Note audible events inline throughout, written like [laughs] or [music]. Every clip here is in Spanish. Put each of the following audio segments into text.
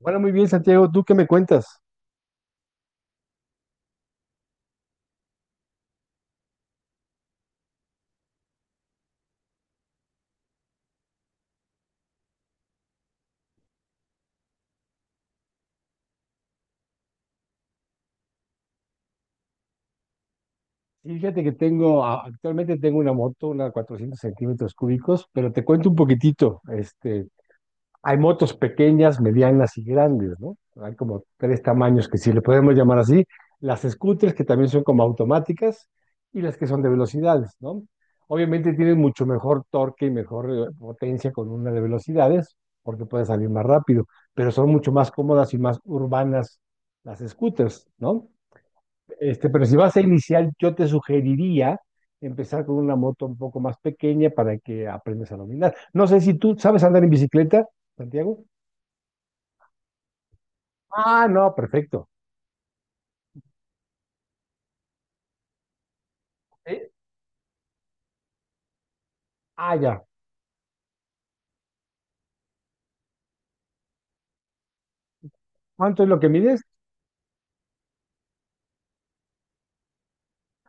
Bueno, muy bien, Santiago, ¿tú qué me cuentas? Sí, fíjate que tengo, actualmente tengo una moto, una 400 cc, pero te cuento un poquitito. Hay motos pequeñas, medianas y grandes, ¿no? Hay como tres tamaños que si le podemos llamar así. Las scooters, que también son como automáticas, y las que son de velocidades, ¿no? Obviamente tienen mucho mejor torque y mejor potencia con una de velocidades, porque puede salir más rápido, pero son mucho más cómodas y más urbanas las scooters, ¿no? Pero si vas a iniciar, yo te sugeriría empezar con una moto un poco más pequeña para que aprendas a dominar. No sé si tú sabes andar en bicicleta, Santiago. Ah, no, perfecto. Eh, Ah, ya. ¿Cuánto es lo que mides?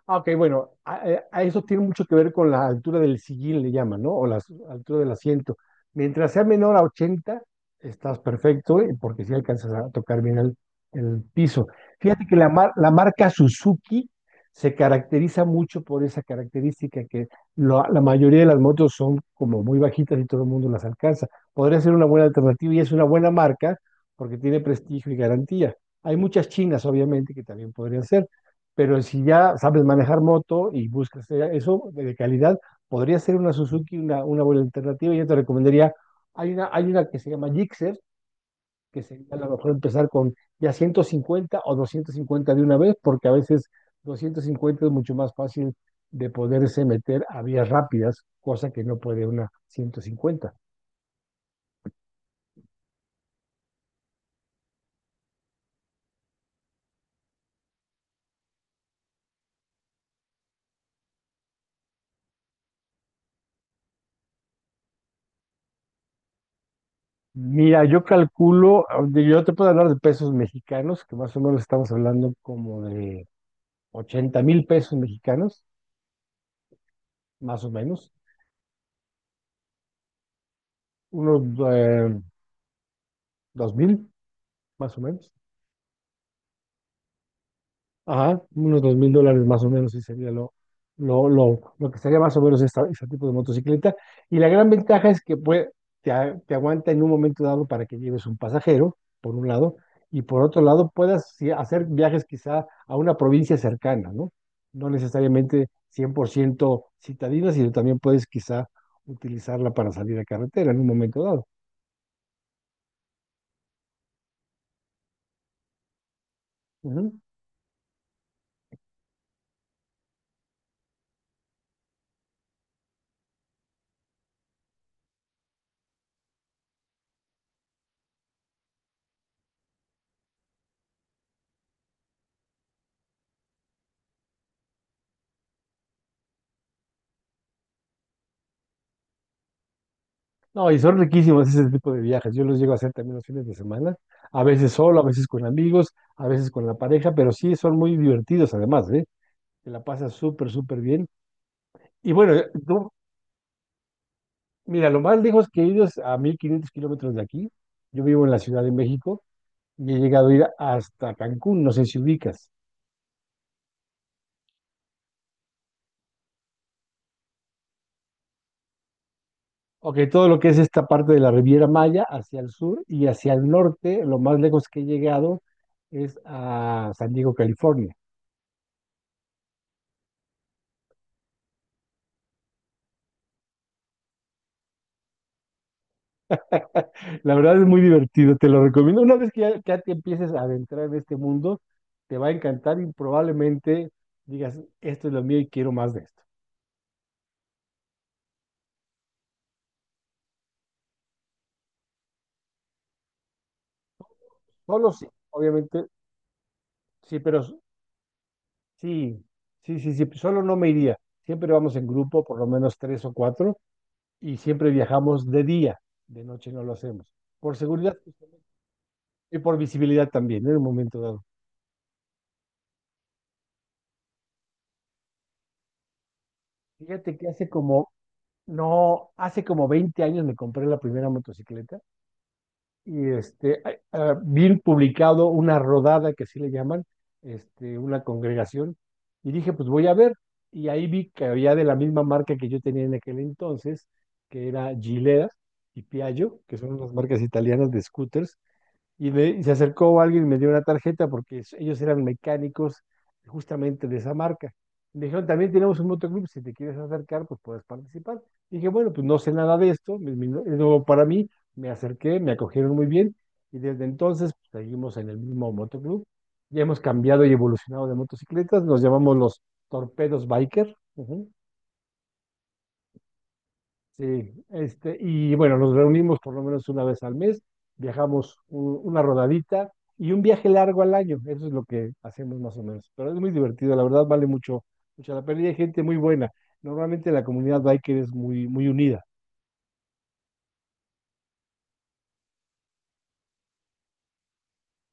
Ah, ok, bueno, eso tiene mucho que ver con la altura del sillín, le llaman, ¿no? O la altura del asiento. Mientras sea menor a 80, estás perfecto, ¿eh? Porque si alcanzas a tocar bien el piso. Fíjate que la marca Suzuki se caracteriza mucho por esa característica que la mayoría de las motos son como muy bajitas y todo el mundo las alcanza. Podría ser una buena alternativa y es una buena marca porque tiene prestigio y garantía. Hay muchas chinas, obviamente, que también podrían ser, pero si ya sabes manejar moto y buscas eso de calidad, podría ser una Suzuki una buena alternativa. Yo te recomendaría, hay una que se llama Gixxer, que sería a lo mejor empezar con ya 150 o 250 de una vez, porque a veces 250 es mucho más fácil de poderse meter a vías rápidas, cosa que no puede una 150. Mira, yo calculo, yo te puedo hablar de pesos mexicanos, que más o menos estamos hablando como de 80 mil pesos mexicanos. Más o menos. Unos eh, 2,000, más o menos. Ajá, unos $2,000 más o menos, sí sería lo que sería más o menos este tipo de motocicleta. Y la gran ventaja es que te aguanta en un momento dado para que lleves un pasajero, por un lado, y por otro lado puedas sí, hacer viajes quizá a una provincia cercana, ¿no? No necesariamente 100% citadina, sino también puedes quizá utilizarla para salir a carretera en un momento dado. No, y son riquísimos ese tipo de viajes. Yo los llego a hacer también los fines de semana, a veces solo, a veces con amigos, a veces con la pareja, pero sí son muy divertidos además, ¿eh? Te la pasas súper, súper bien. Y bueno, mira, lo más lejos que he ido es a 1,500 kilómetros de aquí. Yo vivo en la Ciudad de México y he llegado a ir hasta Cancún, no sé si ubicas. Ok, todo lo que es esta parte de la Riviera Maya hacia el sur y hacia el norte, lo más lejos que he llegado es a San Diego, California. [laughs] La verdad es muy divertido, te lo recomiendo. Una vez que ya te empieces a adentrar en este mundo, te va a encantar y probablemente digas, esto es lo mío y quiero más de esto. Solo sí, obviamente, sí, pero s- sí, sí, solo no me iría. Siempre vamos en grupo, por lo menos tres o cuatro, y siempre viajamos de día, de noche no lo hacemos. Por seguridad justamente, y por visibilidad también, ¿eh? En un momento dado. Fíjate que hace como, No, hace como 20 años me compré la primera motocicleta. Y vi publicado una rodada, que así le llaman, una congregación, y dije, pues voy a ver. Y ahí vi que había de la misma marca que yo tenía en aquel entonces, que era Gilea y Piaggio, que son unas marcas italianas de scooters, y se acercó alguien y me dio una tarjeta porque ellos eran mecánicos justamente de esa marca. Me dijeron, también tenemos un motoclub, si te quieres acercar, pues puedes participar. Y dije, bueno, pues no sé nada de esto, es nuevo para mí, me acerqué, me acogieron muy bien y desde entonces pues, seguimos en el mismo motoclub. Ya hemos cambiado y evolucionado de motocicletas, nos llamamos los Torpedos Biker. Sí, y bueno, nos reunimos por lo menos una vez al mes, viajamos una rodadita y un viaje largo al año, eso es lo que hacemos más o menos. Pero es muy divertido, la verdad vale mucho, mucho la pena y hay gente muy buena. Normalmente la comunidad biker es muy, muy unida.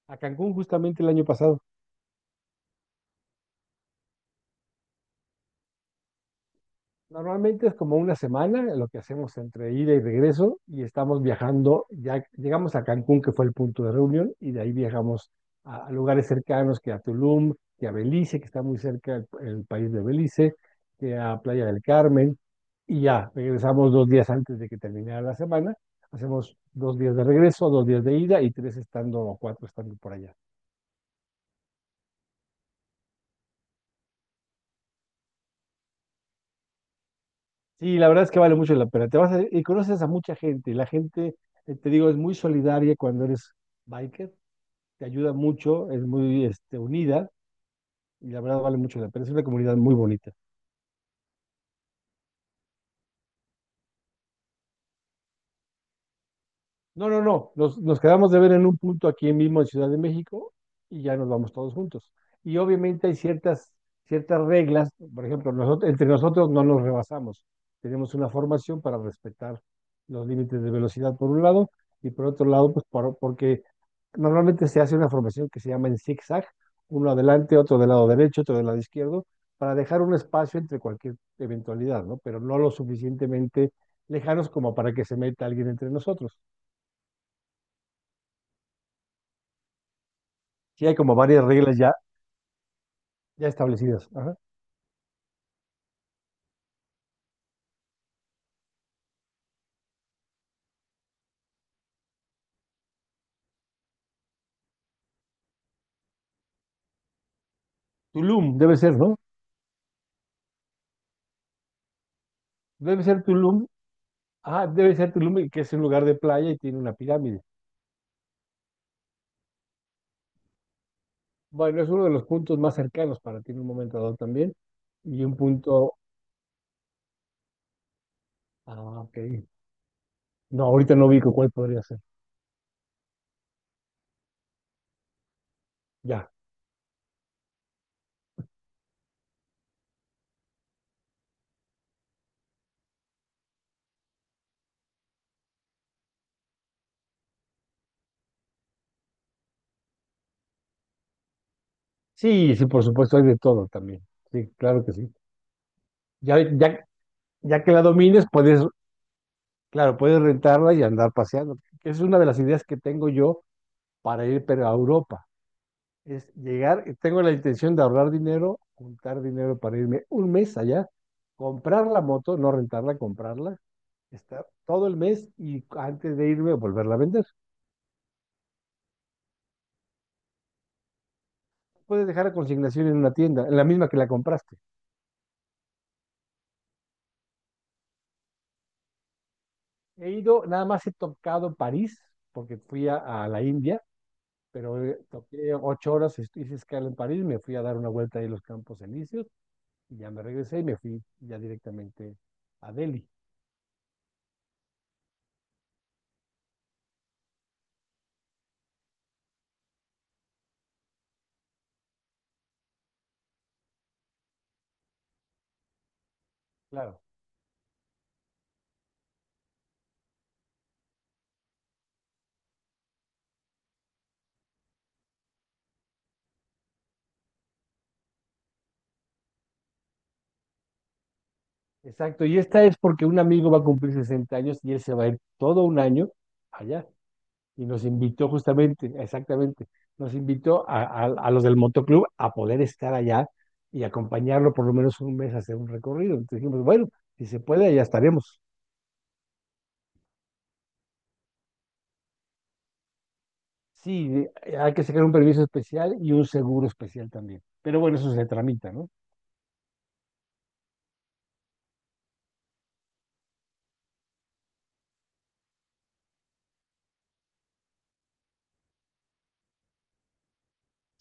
A Cancún justamente el año pasado. Normalmente es como una semana lo que hacemos entre ida y regreso y estamos viajando, ya llegamos a Cancún, que fue el punto de reunión, y de ahí viajamos a lugares cercanos, que a Tulum, que a Belice, que está muy cerca el país de Belice, que a Playa del Carmen, y ya regresamos dos días antes de que terminara la semana, hacemos dos días de regreso, dos días de ida y tres estando o cuatro estando por allá. Sí, la verdad es que vale mucho la pena. Te y conoces a mucha gente. La gente, te digo, es muy solidaria cuando eres biker. Te ayuda mucho, es muy unida y la verdad vale mucho la pena. Es una comunidad muy bonita. No, no, no. Nos quedamos de ver en un punto aquí mismo en Ciudad de México y ya nos vamos todos juntos. Y obviamente ciertas reglas. Por ejemplo, nosotros, entre nosotros no nos rebasamos. Tenemos una formación para respetar los límites de velocidad por un lado y por otro lado, porque normalmente se hace una formación que se llama en zigzag, uno adelante, otro del lado derecho, otro del lado izquierdo, para dejar un espacio entre cualquier eventualidad, ¿no? Pero no lo suficientemente lejanos como para que se meta alguien entre nosotros. Sí, hay como varias reglas ya, ya establecidas. Ajá. Tulum, debe ser, ¿no? Debe ser Tulum. Ah, debe ser Tulum, el que es un lugar de playa y tiene una pirámide. Bueno, es uno de los puntos más cercanos para ti en un momento dado también. Y un punto. Ah, ok. No, ahorita no ubico cuál podría ser. Ya. Sí, sí, por supuesto, hay de todo también. Sí, claro que sí. Ya, ya, ya que la domines, puedes, claro, puedes rentarla y andar paseando. Que es una de las ideas que tengo yo para ir pero a Europa. Es llegar, tengo la intención de ahorrar dinero, juntar dinero para irme un mes allá, comprar la moto, no rentarla, comprarla, estar todo el mes y antes de irme volverla a vender. Puedes dejar la consignación en una tienda, en la misma que la compraste. He ido, nada más he tocado París, porque a la India, pero toqué 8 horas, hice escala en París, me fui a dar una vuelta ahí en los Campos Elíseos y ya me regresé y me fui ya directamente a Delhi. Claro. Exacto, y esta es porque un amigo va a cumplir 60 años y él se va a ir todo un año allá. Y nos invitó justamente, exactamente, nos invitó a los del motoclub a poder estar allá y acompañarlo por lo menos un mes a hacer un recorrido. Entonces dijimos, bueno, si se puede, allá estaremos. Sí, hay que sacar un permiso especial y un seguro especial también. Pero bueno, eso se tramita, ¿no?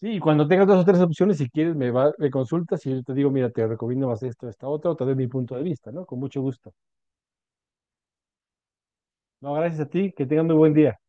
Sí, y cuando tengas dos o tres opciones, si quieres, me consultas y yo te digo, mira, te recomiendo más esto, esta otra, o te doy mi punto de vista, ¿no? Con mucho gusto. No, gracias a ti, que tengan muy buen día.